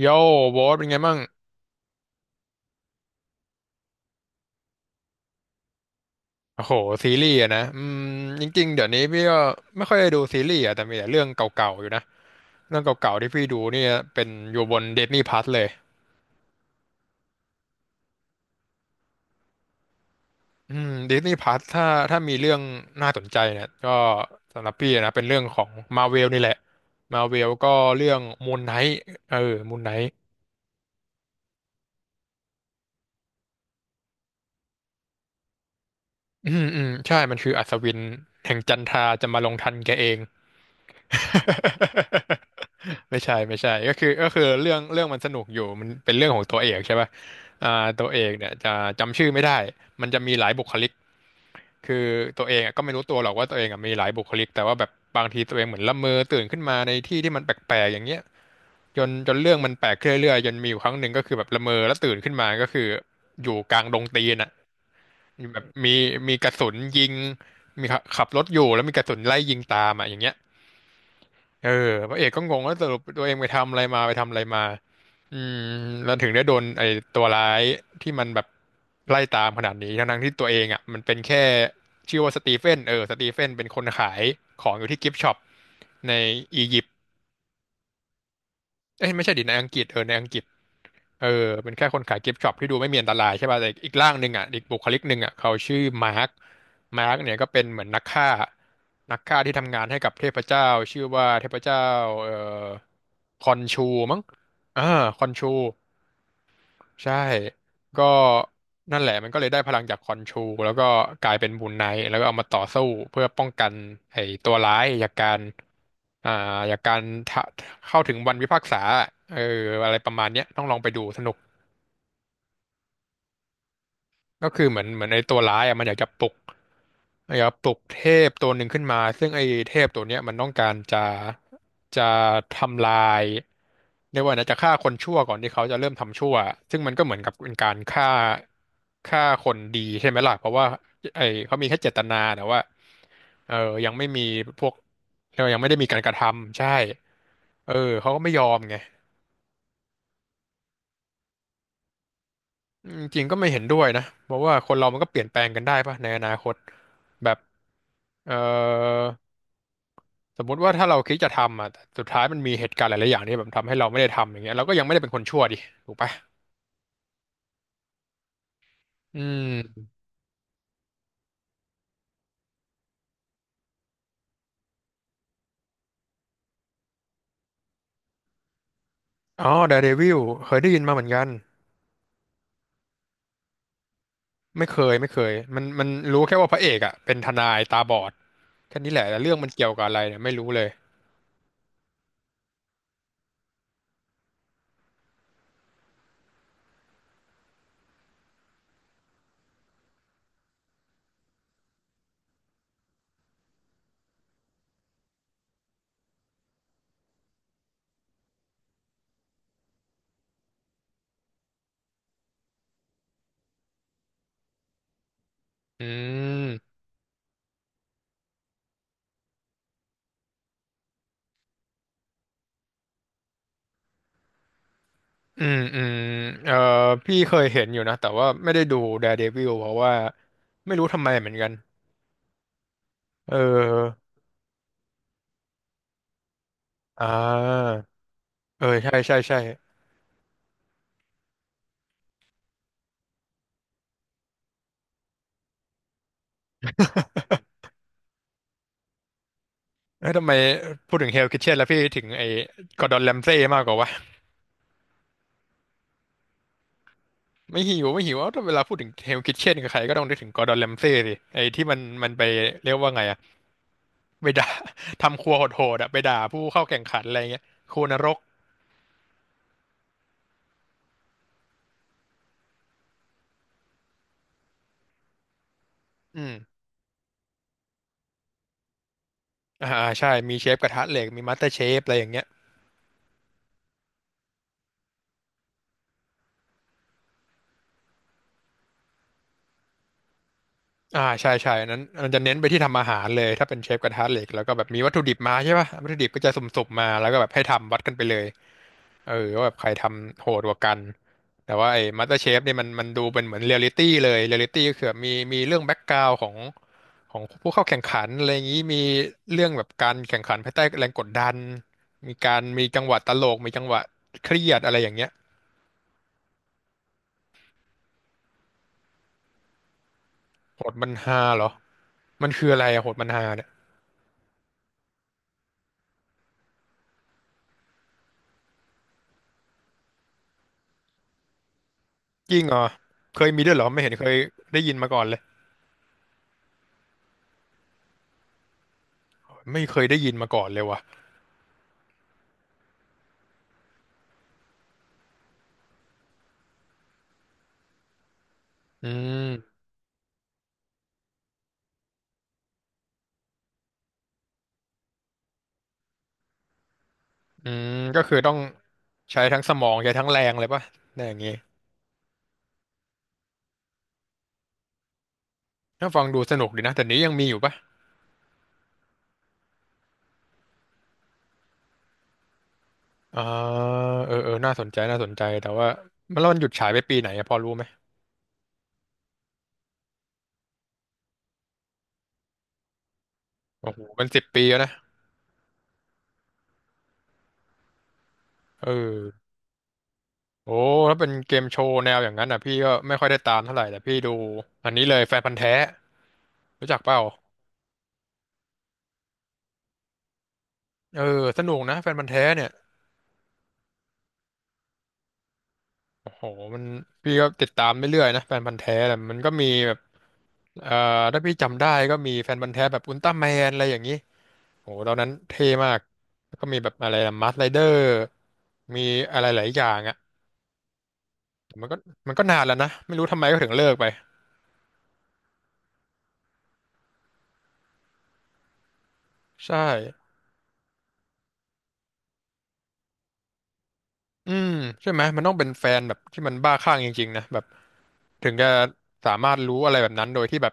โย่โบสเป็นไงบ้างโอ้โหซีรีส์อะนะจริงๆเดี๋ยวนี้พี่ก็ไม่ค่อยได้ดูซีรีส์อะแต่มีแต่เรื่องเก่าๆอยู่นะเรื่องเก่าๆที่พี่ดูเนี่ยเป็นอยู่บน Disney Plus เลยอืม Disney Plus ถ้ามีเรื่องน่าสนใจเนี่ยก็สำหรับพี่นะเป็นเรื่องของ Marvel นี่แหละ Marvel ก็เรื่อง Moon Knight เออ Moon Knight อืมอืมใช่มันคืออัศวินแห่งจันทราจะมาลงทันแกเอง ไม่ใช่ไม่ใช่ก็คือเรื่องมันสนุกอยู่มันเป็นเรื่องของตัวเอกใช่ป่ะตัวเอกเนี่ยจะจำชื่อไม่ได้มันจะมีหลายบุคลิกคือตัวเองอะก็ไม่รู้ตัวหรอกว่าตัวเองอะมีหลายบุคลิกแต่ว่าแบบบางทีตัวเองเหมือนละเมอตื่นขึ้นมาในที่ที่มันแปลกๆอย่างเงี้ยจนเรื่องมันแปลกขึ้นเรื่อยๆจนมีอยู่ครั้งหนึ่งก็คือแบบละเมอแล้วตื่นขึ้นมาก็คืออยู่กลางดงตีนอ่ะแบบมีกระสุนยิงมีขับรถอยู่แล้วมีกระสุนไล่ยิงตามอ่ะอย่างเงี้ย เออพระเอกก็งงว่าสรุปตัวเองไปทำอะไรมาไปทำอะไรมาอืมแล้วถึงได้โดนไอ้ตัวร้ายที่มันแบบไล่ตามขนาดนี้ทั้งๆที่ตัวเองอ่ะมันเป็นแค่ชื่อว่าสตีเฟนสตีเฟนเป็นคนขายของอยู่ที่กิฟต์ช็อปในอียิปต์เอ้ยไม่ใช่ดิในอังกฤษในอังกฤษ เออเป็นแค่คนขายกิฟต์ช็อปที่ดูไม่มีอันตรายใช่ป่ะแต่อีกร่างหนึ่งอ่ะอีกบุคลิกหนึ่งอ่ะเขาชื่อมาร์คมาร์คเนี่ยก็เป็นเหมือนนักฆ่า นักฆ่าที่ทำงานให้กับเทพเจ้าชื่อว่าเทพเจ้าเอ่อคอนชูมั้งอ่าคอนชูใช่ก็นั่นแหละมันก็เลยได้พลังจากคอนชูแล้วก็กลายเป็นบูนไนท์แล้วก็เอามาต่อสู้เพื่อป้องกันไอ้ตัวร้ายอ่าจากการทะเข้าถึงวันพิพากษาเอออะไรประมาณเนี้ยต้องลองไปดูสนุก ก็คือเหมือนไอ้ตัวร้ายอ่ะมันอยากจะปลุกอยากจะปลุกเทพตัวหนึ่งขึ้นมาซึ่งไอ้เทพตัวเนี้ยมันต้องการจะทำลายเรียกว่านะจะฆ่าคนชั่วก่อนที่เขาจะเริ่มทำชั่วซึ่งมันก็เหมือนกับเป็นการฆ่าคนดีใช่ไหมล่ะเพราะว่าไอ้เขามีแค่เจตนาแต่ว่าเออยังไม่มีพวกเรียกว่ายังไม่ได้มีการกระทำใช่เออเขาก็ไม่ยอมไง จริงก็ไม่เห็นด้วยนะเพราะว่าคนเรามันก็เปลี่ยนแปลงกันได้ปะในอนาคตแบบเอ่อสมมุติว่าถ้าเราคิดจะทำอ่ะแต่สุดท้ายมันมีเหตุการณ์หลายๆอย่างที่แบบทำให้เราไม่ได้ทำอย่างเงี้ยเราก็ยังไม่ได้เป็นคนชั่วดิถูกปะอืมอ๋อ d ดอะเดวิลเคยได้ยินมาเหมือนกัน ไม่เคยไม่เคยมันรู้แค่ว่าพระเอกอ่ะเป็นทนายตาบอดแค่นี้แหละแต่เรื่องมันเกี่ยวกับอะไรเนี่ยไม่รู้เลยอืมอืมอืมเอ่อพี่เคยเห็นอยู่นะแต่ว่าไม่ได้ดู Daredevil เพราะว่าไม่รู้ทำไมเหมือนกัน เอออ่าเออใช่ใช่ใช่เอ้ยทำไมพูดถึงเฮลคิทเช่นแล้วพี่ถึงไอ้กอร์ดอนแรมเซ่มากกว่าวะไม่หิวไม่หิวเอ้าถ้าเวลาพูดถึงเฮลคิทเช่นกับใครก็ต้องนึกถึงกอร์ดอนแรมเซ่สิไอ้ที่มันไปเรียกว่าไงอะไปด่า ทำครัวโหดๆอะไปด่าผู้เข้าแข่งขันอะไรเงี้ยครัวนรก อืม อ่า ใช่ มีเชฟกระทะเหล็กมีมาสเตอร์เชฟอะไรอย่างเงี้ยอ่า ใช่ใช่อันนั้นมันจะเน้นไปที่ทำอาหารเลยถ้าเป็นเชฟกระทะเหล็กแล้วก็แบบมีวัตถุดิบมาใช่ป่ะวัตถุดิบก็จะสุ่มๆมาแล้วก็แบบให้ทำวัดกันไปเลย เออว่าแบบใครทำโหดกว่ากันแต่ว่าไอ้มาสเตอร์เชฟเนี่ยมันดูเป็นเหมือนเรียลลิตี้เลยเรียลลิตี้ก็คือแบบมีเรื่องแบ็กกราวด์ของผู้เข้าแข่งขันอะไรอย่างนี้มีเรื่องแบบการแข่งขันภายใต้แรงกดดันมีการมีจังหวะตลกมีจังหวะเครียดอะไรอย่างเงี้ยโหดมันฮาเหรอมันคืออะไรอะโหดมันฮาเนี่ยจริงเหรอเคยมีด้วยเหรอไม่เห็นเคยได้ยินมาก่อนเลยไม่เคยได้ยินมาก่อนเลยว่ะอืมก็คือต้องใช้ทั้งสมองใช้ทั้งแรงเลยป่ะในอย่างงี้ ถ้าฟังดูสนุกดีนะแต่นี้ยังมีอยู่ปะอ่าเออเออน่าสนใจน่าสนใจแต่ว่ามันแล้วมันหยุดฉายไปปีไหนอะพอรู้ไหมโอ้โหมันสิบปีแล้วนะเออโอ้ถ้าเป็นเกมโชว์แนวอย่างนั้นอ่ะพี่ก็ไม่ค่อยได้ตามเท่าไหร่แต่พี่ดูอันนี้เลยแฟนพันธุ์แท้รู้จักเปล่าเออสนุกนะแฟนพันธุ์แท้เนี่ยโอ้โหมันพี่ก็ติดตามเรื่อยๆนะแฟนพันธุ์แท้แต่มันก็มีแบบเอ่อถ้าพี่จำได้ก็มีแฟนพันธุ์แท้แบบอุลตร้าแมนอะไรอย่างนี้โอ้โหตอนนั้นเท่มากแล้วก็มีแบบอะไรนะมาสไรเดอร์ มีอะไรหลายอย่างอ่ะแต่มันก็นานแล้วนะไม่รู้ทำไมก็ถึงเลิกไปใช่อืมใช่ไหมมันต้องเป็นแฟนแบบที่มันบ้าคลั่งจริงๆนะแบบถึงจะสามารถรู้อะไรแบบนั้นโดยที่แบบ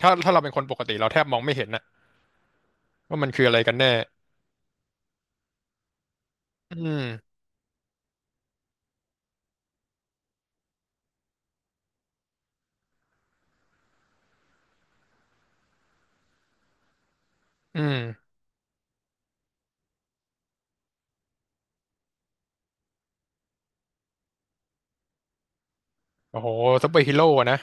ถ้าเราเป็นคนปกติเราแทบมองไม่เห็นนะว่ามันคืออะไรกันแน่อืมอืมโอ้โหซูเปอร์ฮีโร่อะนะ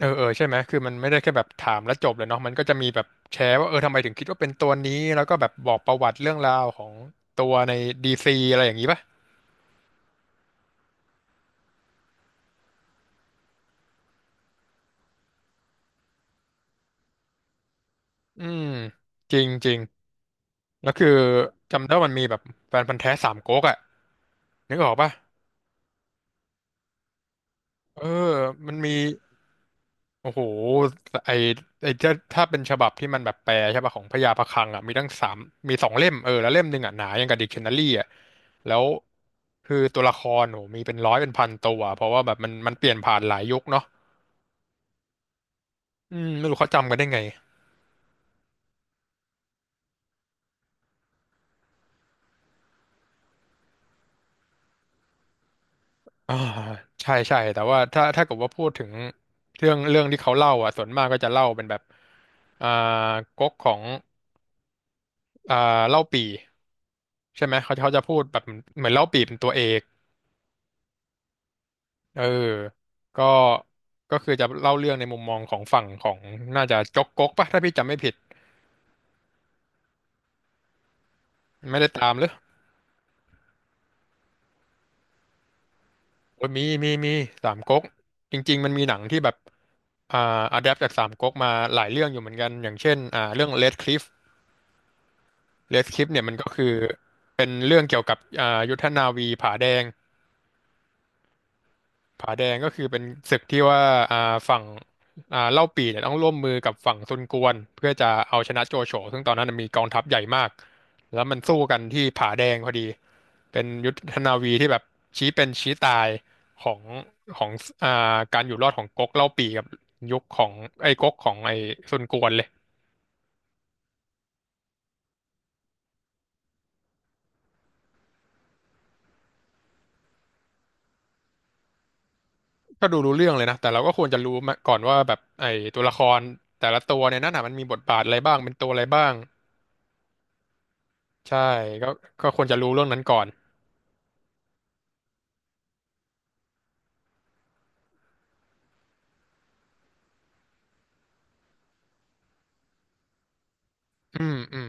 เออเออใช่ไหมคือมันไม่ได้แค่แบบถามแล้วจบเลยเนาะมันก็จะมีแบบแชร์ว่าเออทำไมถึงคิดว่าเป็นตัวนี้แล้วก็แบบบอกประวัติเรื่องราวของตัวในดีซีอะไรอย่างนี้ป่ะอืมจริงจริง แล้วคือจำได้ว่ามันมีแบบแฟนพันธุ์แท้สามก๊กอ่ะนึกออกป่ะเออมันมีโอ้โหไอไอจะถ้าเป็นฉบับที่มันแบบแปลใช่ป่ะของพญาพะคลังอ่ะมีตั้งสามมีสองเล่มเออแล้วเล่มหนึ่งอ่ะหนายังกับดิกชันนารีอ่ะแล้วคือตัวละครโหมีเป็นร้อยเป็นพันตัวเพราะว่าแบบมันเปลี่ยนผ่านหลายยุคเนาะไม่รู้เขาจำกันได้ไงอ่าใช่ใช่แต่ว่าถ้าถ้าเกิดว่าพูดถึงเรื่องเรื่องที่เขาเล่าอ่ะส่วนมากก็จะเล่าเป็นแบบอ่าก๊กของ อ่าเล่าปี่ใช่ไหมเขาจะพูดแบบเหมือนเล่าปี่เป็นตัวเอกเออก็ก็คือจะเล่าเรื่องในมุมมองของฝั่งของน่าจะจ๊กก๊กปะถ้าพี่จำไม่ผิดไม่ได้ตามหรือโอ้ยมีมีมีสามก๊กจริงๆมันมีหนังที่แบบอ่าอะแดปจากสามก๊กมาหลายเรื่องอยู่เหมือนกันอย่างเช่นเรื่อง Red Cliff Red Cliff เนี่ยมันก็คือเป็นเรื่องเกี่ยวกับยุทธนาวีผาแดง ผาแดงก็คือเป็นศึกที่ว่าฝั่งเล่าปี่เนี่ยต้องร่วมมือกับฝั่งซุนกวนเพื่อจะเอาชนะโจโฉซึ่งตอนนั้นมีกองทัพใหญ่มากแล้วมันสู้กันที่ผาแดงพอดีเป็นยุทธนาวีที่แบบชี้เป็นชี้ตายของของการอยู่รอดของก๊กเล่าปี่กับยุคของไอ้ก๊กของไอ้ซุนกวนเลยก็ดูรู้เรื่องเลยนะแต่เราก็ควรจะรู้มาก่อนว่าแบบไอ้ตัวละครแต่ละตัวเนี่ยนั่นน่ะมันมีบทบาทอะไรบ้างเป็นตัวอะไรบ้างใช่ก็ก็ควรจะรู้เรื่องนั้นก่อน อืมอืม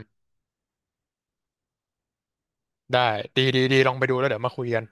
ได้ดีดีดีลองไปดูแล้วเดี๋ยวมาคุยกัน